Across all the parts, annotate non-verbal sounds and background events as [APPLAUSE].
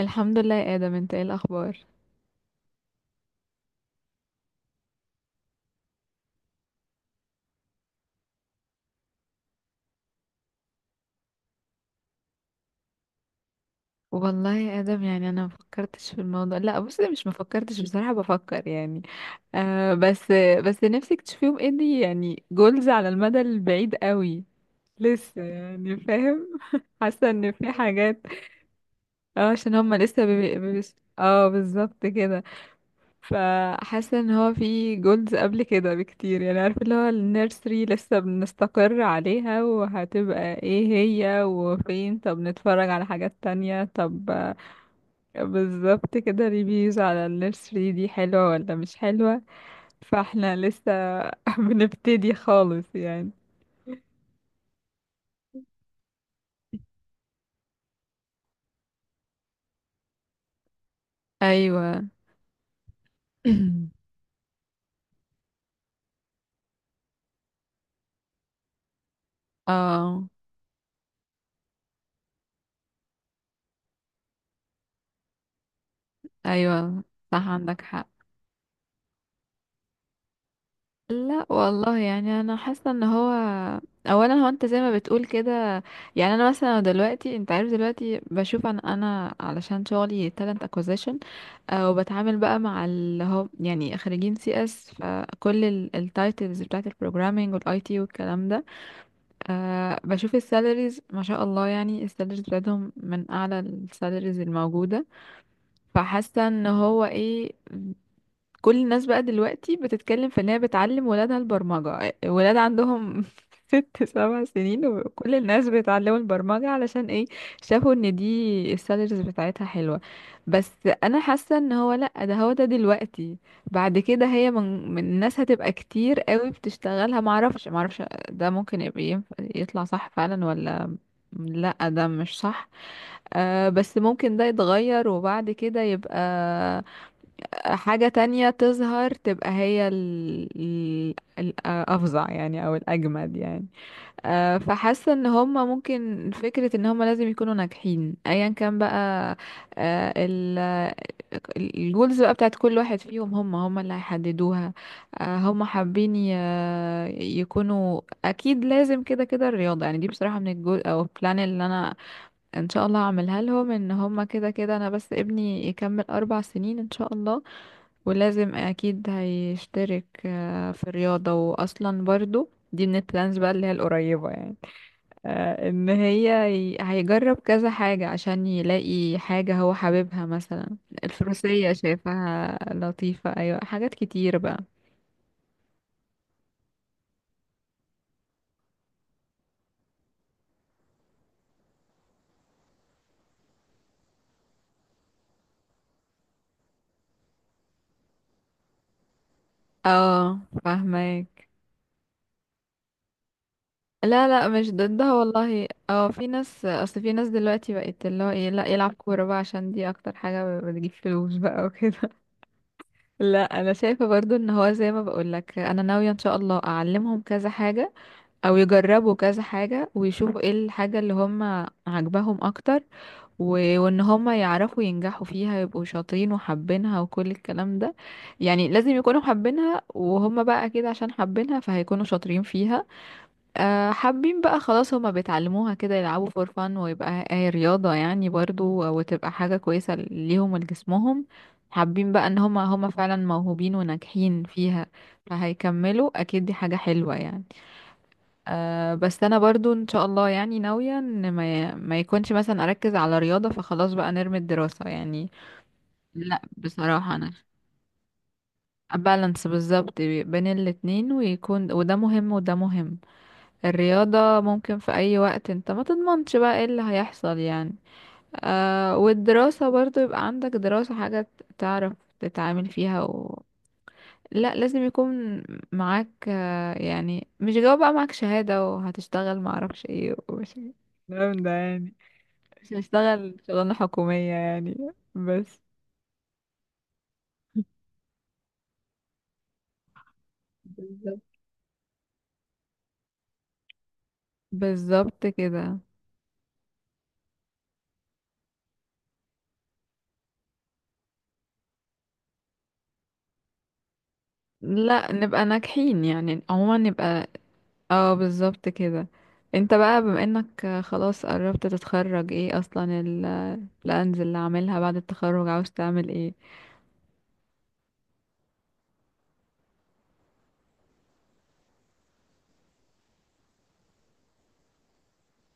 الحمد لله يا آدم، انت ايه الأخبار؟ والله يا آدم، يعني أنا مفكرتش في الموضوع، لا بص، مش مفكرتش بصراحة، بفكر يعني. آه بس. بس نفسك تشوفيهم ايه؟ دي يعني جولز على المدى البعيد قوي. لسه يعني، فاهم؟ حاسة ان في حاجات. اه، عشان هما لسه اه بالظبط كده. فحاسه ان هو في جولز قبل كده بكتير، يعني عارف، اللي هو النيرسري لسه بنستقر عليها وهتبقى ايه هي وفين، طب نتفرج على حاجات تانية، طب بالظبط كده، ريفيوز على النيرسري دي حلوة ولا مش حلوة. فاحنا لسه [LAUGHS] بنبتدي خالص يعني. ايوه. [CLEARS THROAT] اه. ايوه، صح، عندك حق. لا والله، يعني انا حاسه ان هو، اولا هو انت زي ما بتقول كده. يعني انا مثلا دلوقتي انت عارف، دلوقتي بشوف، انا علشان شغلي talent acquisition. وبتعامل بقى مع اللي هو يعني خريجين CS، فكل التايتلز بتاعت البروجرامينج والاي تي والكلام ده. بشوف السالاريز، ما شاء الله، يعني السالاريز بتاعتهم من اعلى السالاريز الموجوده. فحاسه ان هو ايه، كل الناس بقى دلوقتي بتتكلم في ان هي بتعلم ولادها البرمجة، ولاد عندهم [LAUGHS] 6-7 سنين وكل الناس بيتعلموا البرمجة، علشان ايه؟ شافوا ان دي السالاريز بتاعتها حلوة. بس انا حاسة ان هو، لا ده هو ده دلوقتي، بعد كده هي من الناس هتبقى كتير قوي بتشتغلها، معرفش معرفش. ده ممكن يبقى يطلع صح فعلا، ولا لا ده مش صح. بس ممكن ده يتغير وبعد كده يبقى حاجة تانية تظهر، تبقى هي الأفظع يعني أو الأجمد يعني. فحاسة ان هما ممكن فكرة ان هما لازم يكونوا ناجحين ايا كان بقى. آه، ال- الجولز بقى بتاعت كل واحد فيهم، هم هم اللي هيحددوها. هم حابين يكونوا. اكيد لازم كده كده الرياضة يعني، دي بصراحة من الجول او البلان اللي انا ان شاء الله هعملها لهم، ان هم كده كده، انا بس ابني يكمل 4 سنين ان شاء الله. ولازم اكيد هيشترك في الرياضة، واصلا برضو دي من البلانز بقى اللي هي القريبة يعني. ان هي هيجرب كذا حاجة عشان يلاقي حاجة هو حاببها مثلا. الفروسية شايفها لطيفة، ايوه حاجات كتير بقى. اه، فاهمك. لا لا، مش ضدها والله، اه في ناس، اصل في ناس دلوقتي بقت اللي هو ايه، لا يلعب كورة بقى عشان دي اكتر حاجة بتجيب فلوس بقى وكده. لا، انا شايفه برضو ان هو زي ما بقولك، انا ناويه ان شاء الله اعلمهم كذا حاجه، او يجربوا كذا حاجه، ويشوفوا ايه الحاجه اللي هم عاجباهم اكتر، و- وان هم يعرفوا ينجحوا فيها، يبقوا شاطرين وحابينها وكل الكلام ده. يعني لازم يكونوا حابينها، وهم بقى اكيد عشان حابينها فهيكونوا شاطرين فيها. حابين بقى، خلاص هما بيتعلموها كده، يلعبوا فور فان ويبقى هي رياضة يعني برضو، وتبقى حاجة كويسة ليهم ولجسمهم. حابين بقى ان هما هما فعلا موهوبين وناجحين فيها، فهيكملوا اكيد، دي حاجة حلوة يعني. بس انا برضو ان شاء الله يعني ناوية ان ما يكونش مثلا اركز على رياضة فخلاص بقى نرمي الدراسة يعني. لا بصراحة انا، بالانس بالظبط بين الاتنين، ويكون وده مهم وده مهم. الرياضة ممكن في أي وقت، انت ما تضمنش بقى ايه اللي هيحصل يعني. والدراسة برضو، يبقى عندك دراسة حاجة تعرف تتعامل فيها لا لازم يكون معاك، يعني مش جواب بقى، معاك شهادة وهتشتغل معرفش ايه ومش الكلام ده يعني. مش هشتغل شغلانة حكومية يعني. بس. بالظبط بالظبط كده. لا نبقى ناجحين يعني، عموما نبقى. اه بالظبط كده. انت بقى بما انك خلاص قربت تتخرج، ايه اصلا البلانز اللي عاملها بعد التخرج، عاوز تعمل ايه؟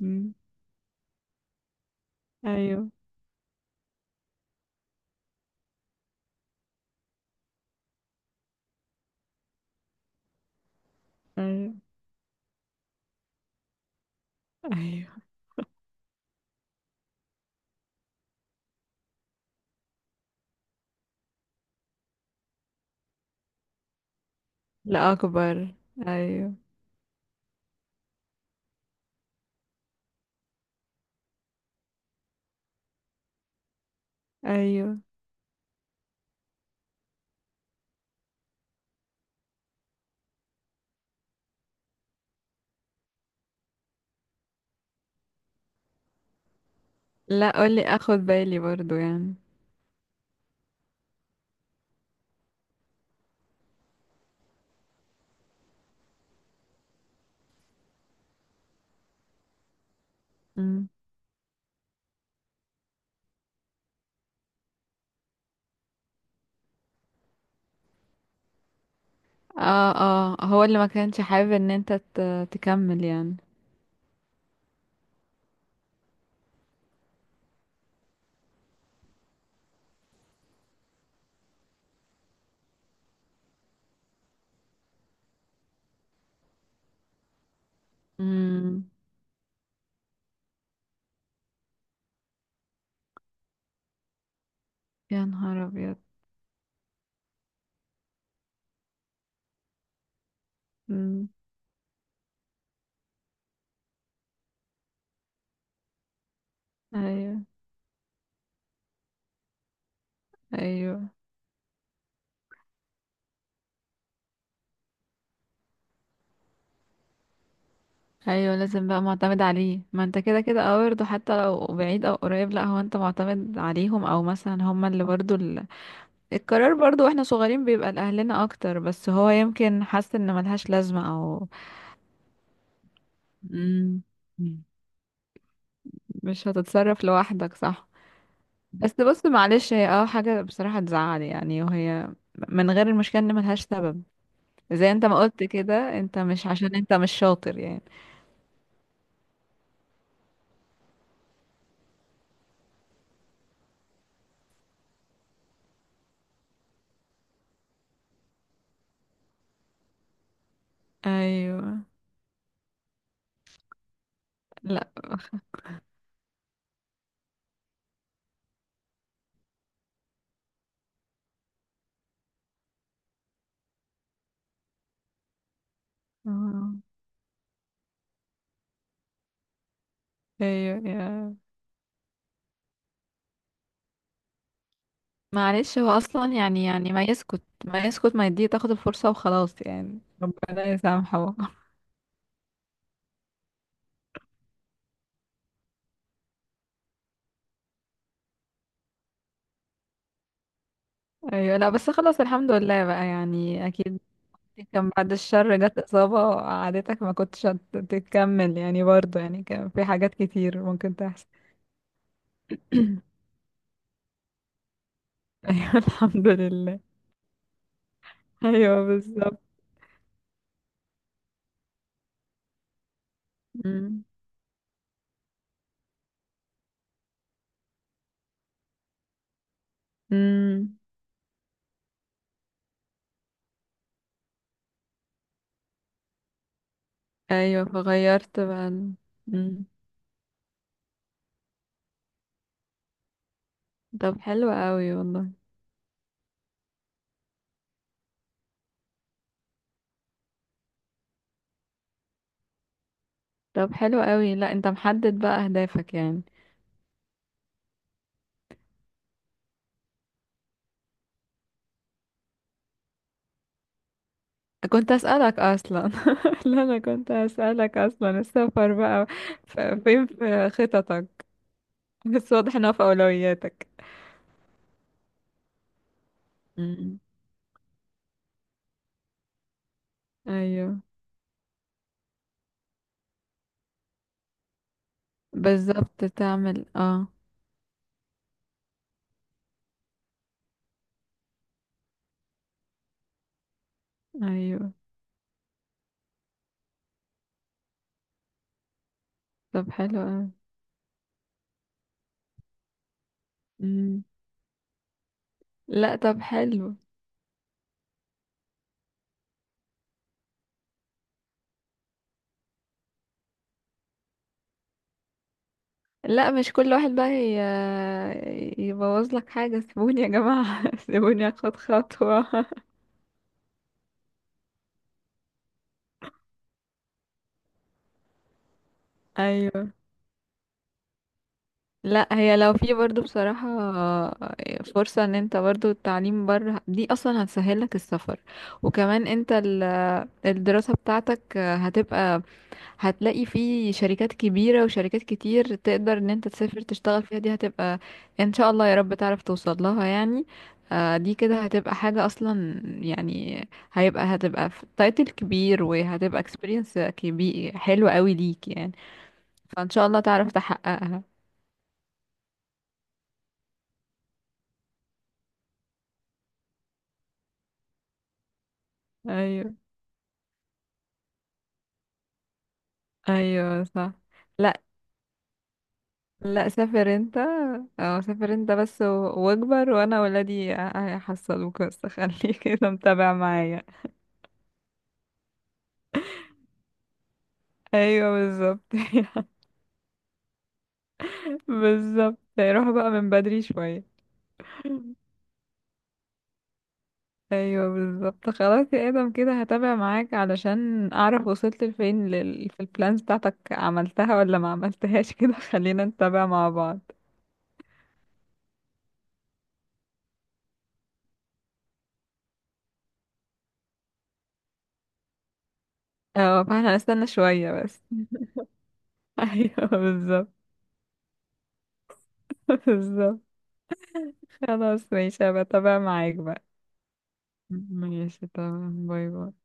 مم. ايوه ايوه ايوه. لا اكبر. ايوه ايوه. لا قولي، اخد بالي برضو يعني. مم. اه اه، هو اللي ما كانش حابب ان انت تكمل يعني؟ مم. يا نهار ابيض. مم. ايوه ايوه ايوه، لازم بقى معتمد عليه، ما انت كده كده، اه برضه حتى لو بعيد او قريب، لا هو انت معتمد عليهم، او مثلا هما اللي برضه القرار برضه، واحنا صغيرين بيبقى لاهلنا اكتر، بس هو يمكن حاسس ان ملهاش لازمة او. مم. مش هتتصرف لوحدك، صح. بس بص، معلش هي اه حاجة بصراحة تزعل يعني، وهي من غير المشكلة ان ملهاش سبب، زي انت ما قلت كده، انت مش عشان انت مش شاطر يعني. ايوه، لا. آه. ايوه معلش هو اصلا يعني ما يسكت ما يسكت، ما يديه تاخد الفرصة وخلاص، يعني ربنا يسامحه. [LAUGHS] ايوه، لا بس خلاص، الحمد لله بقى يعني، اكيد. كان بعد الشر جت اصابة عادتك، ما كنتش تكمل يعني برضه، يعني كان في حاجات كتير ممكن تحصل. [LAUGHS] ايوه الحمد لله. ايوه بالظبط. أمم. أمم. ايوه فغيرت بقى أمم. طب حلو قوي والله. طب حلو قوي، لا انت محدد بقى اهدافك يعني. كنت اسالك اصلا. [LAUGHS] لا انا كنت هسألك اصلا، السفر بقى فين في خططك؟ بس واضح انها في اولوياتك. مم. ايوه بالظبط، تعمل اه. ايوه. طب حلو اوي. مم. لا طب حلو. لا مش كل واحد بقى يبوظ لك حاجة، سيبوني يا جماعة [LAUGHS] سيبوني اخد خطوة. ايوه. لا هي لو في برضو بصراحة فرصة ان انت برضو التعليم بره دي اصلا هتسهل لك السفر، وكمان انت الدراسة بتاعتك هتبقى، هتلاقي في شركات كبيرة وشركات كتير تقدر ان انت تسافر تشتغل فيها، دي هتبقى ان شاء الله يا رب تعرف توصل لها يعني. دي كده هتبقى حاجة اصلا يعني، هتبقى في تايتل كبير، وهتبقى اكسبيرينس كبير حلو قوي ليك يعني. فان شاء الله تعرف تحققها. ايوه ايوه صح. لا سافر انت. اه سافر انت بس واكبر، وانا ولادي هيحصلوك بس [LAUGHS] خليك كده متابع معايا. ايوه بالظبط [LAUGHS] بالظبط روح بقى من بدري شوية. ايوه بالظبط، خلاص يا ادم كده هتابع معاك علشان اعرف وصلت لفين في البلانز بتاعتك عملتها ولا ما عملتهاش كده [LAUGHS] خلينا نتابع مع بعض. اه فاحنا هنستنى شوية بس. [LAUGHS] ايوه بالظبط. بالظبط خلاص ماشي، هبقى اتابع معاك بقى. ماشي تمام، باي باي.